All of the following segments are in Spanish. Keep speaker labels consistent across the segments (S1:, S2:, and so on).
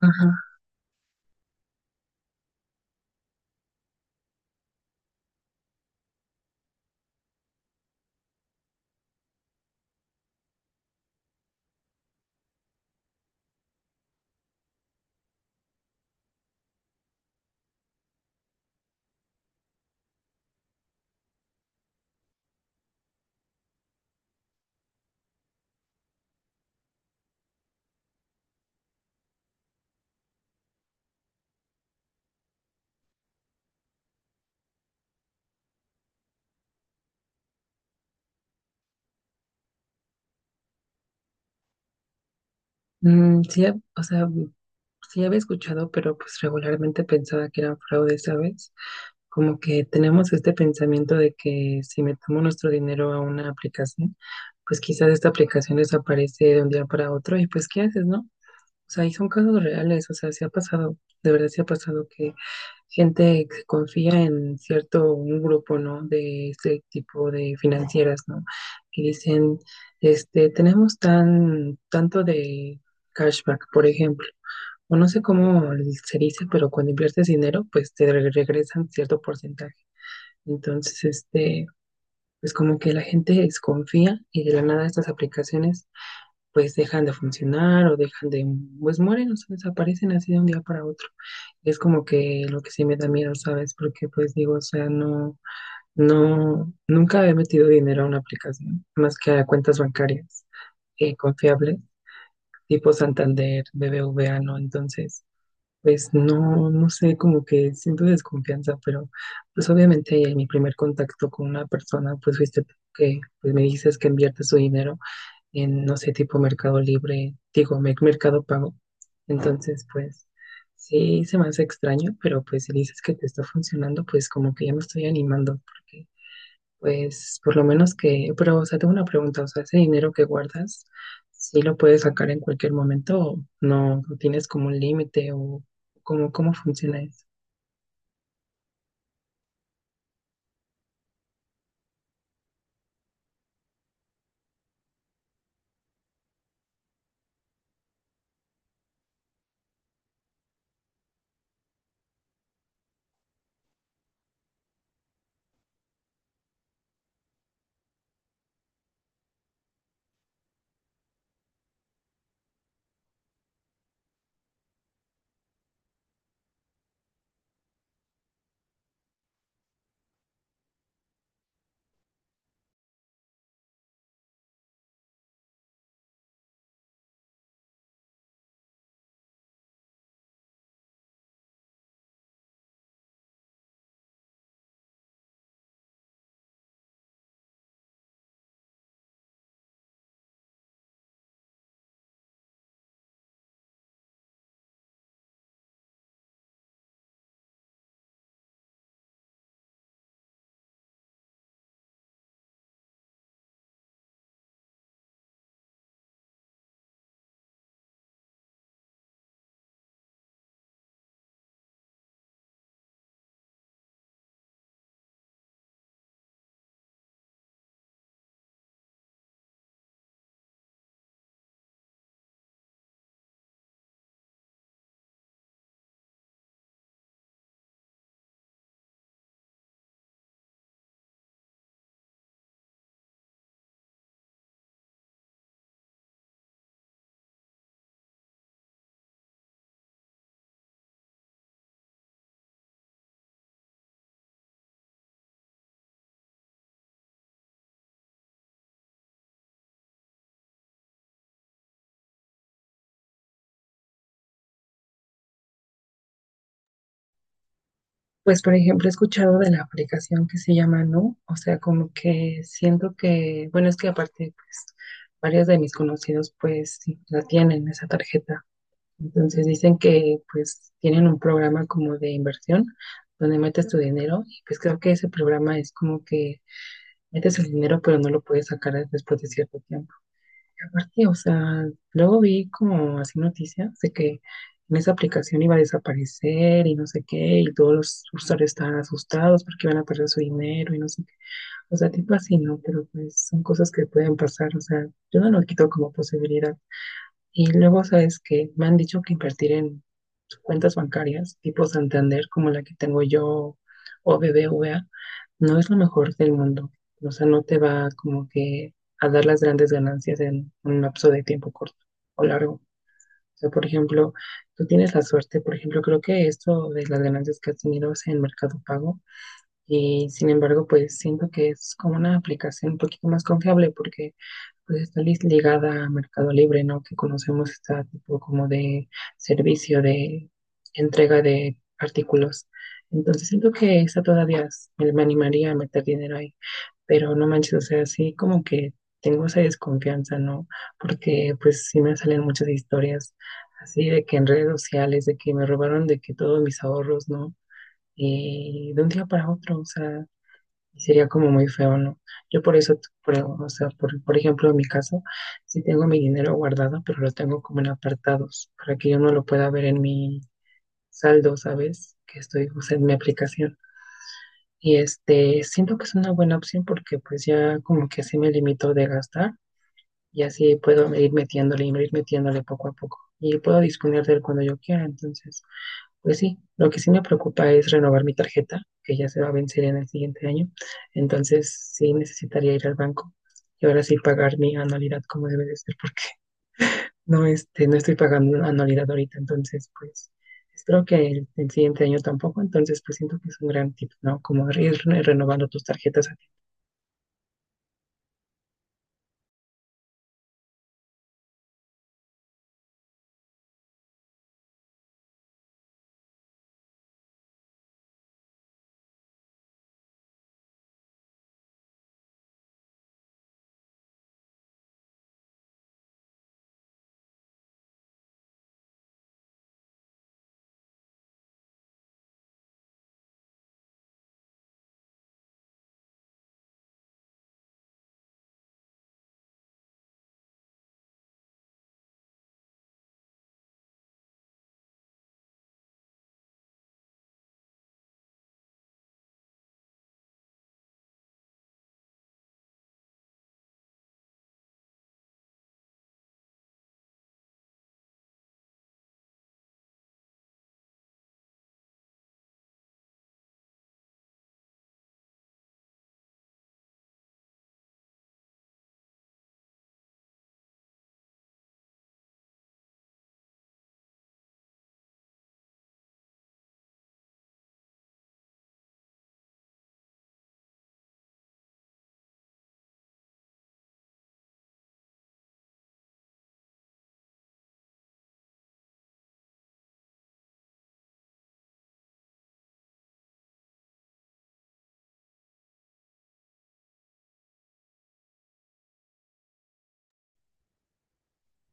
S1: Ajá. Sí, sí había escuchado, pero pues regularmente pensaba que eran fraudes, ¿sabes? Como que tenemos este pensamiento de que si metemos nuestro dinero a una aplicación, pues quizás esta aplicación desaparece de un día para otro y pues ¿qué haces, no? O sea, y son casos reales, o sea, sí ha pasado, de verdad sí ha pasado gente que confía en cierto un grupo, ¿no? De este tipo de financieras, ¿no? Que dicen, tenemos tanto de cashback, por ejemplo. O no sé cómo se dice, pero cuando inviertes dinero, pues regresan cierto porcentaje. Entonces, pues como que la gente desconfía y de la nada estas aplicaciones pues dejan de funcionar o dejan de, pues mueren, o sea, desaparecen así de un día para otro. Es como que lo que sí me da miedo, ¿sabes? Porque pues digo, o sea, no, no, nunca he metido dinero a una aplicación, más que a cuentas bancarias confiables, tipo Santander, BBVA, ¿no? Entonces, pues no, no sé, como que siento desconfianza, pero pues obviamente en mi primer contacto con una persona, pues fuiste tú que pues me dices que inviertes su dinero en, no sé, tipo Mercado Libre, digo, Mercado Pago. Entonces, pues sí, se me hace extraño, pero pues si dices que te está funcionando, pues como que ya me estoy animando, porque pues por lo menos que, pero o sea, tengo una pregunta, o sea, ese dinero que guardas, ¿sí lo puedes sacar en cualquier momento o no? ¿No tienes como un límite o cómo funciona eso? Pues, por ejemplo, he escuchado de la aplicación que se llama Nu, o sea, como que siento que, bueno, es que aparte, pues, varios de mis conocidos, pues, sí, la tienen, esa tarjeta. Entonces dicen que, pues, tienen un programa como de inversión, donde metes tu dinero, y pues creo que ese programa es como que metes el dinero, pero no lo puedes sacar después de cierto tiempo. Aparte, o sea, luego vi como así noticias de que en esa aplicación iba a desaparecer y no sé qué, y todos los usuarios estaban asustados porque iban a perder su dinero y no sé qué. O sea, tipo así, ¿no? Pero pues son cosas que pueden pasar, o sea, yo no lo quito como posibilidad. Y luego sabes que me han dicho que invertir en cuentas bancarias tipo Santander, como la que tengo yo o BBVA, no es lo mejor del mundo. O sea, no te va como que a dar las grandes ganancias en un lapso de tiempo corto o largo. O sea, por ejemplo, tú tienes la suerte, por ejemplo, creo que esto de las ganancias que has tenido es en Mercado Pago y sin embargo, pues siento que es como una aplicación un poquito más confiable porque pues ligada a Mercado Libre, ¿no? Que conocemos este tipo como de servicio de entrega de artículos. Entonces siento que me, me animaría a meter dinero ahí, pero no manches, o sea, sí como que tengo esa desconfianza, ¿no? Porque pues sí me salen muchas historias así de que en redes sociales, de que me robaron de que todos mis ahorros, ¿no? De un día para otro, o sea, y sería como muy feo, ¿no? Yo por eso, por, o sea, por ejemplo, en mi caso, sí tengo mi dinero guardado, pero lo tengo como en apartados, para que yo no lo pueda ver en mi saldo, ¿sabes? Que estoy, o sea, en mi aplicación. Y este, siento que es una buena opción porque pues ya como que así me limito de gastar y así puedo ir metiéndole poco a poco. Y puedo disponer de él cuando yo quiera, entonces. Pues sí, lo que sí me preocupa es renovar mi tarjeta, que ya se va a vencer en el siguiente año. Entonces sí necesitaría ir al banco y ahora sí pagar mi anualidad como debe de ser, porque no, no estoy pagando anualidad ahorita. Entonces, pues espero que el siguiente año tampoco. Entonces, pues siento que es un gran tip, ¿no? Como ir renovando tus tarjetas a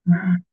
S1: ti.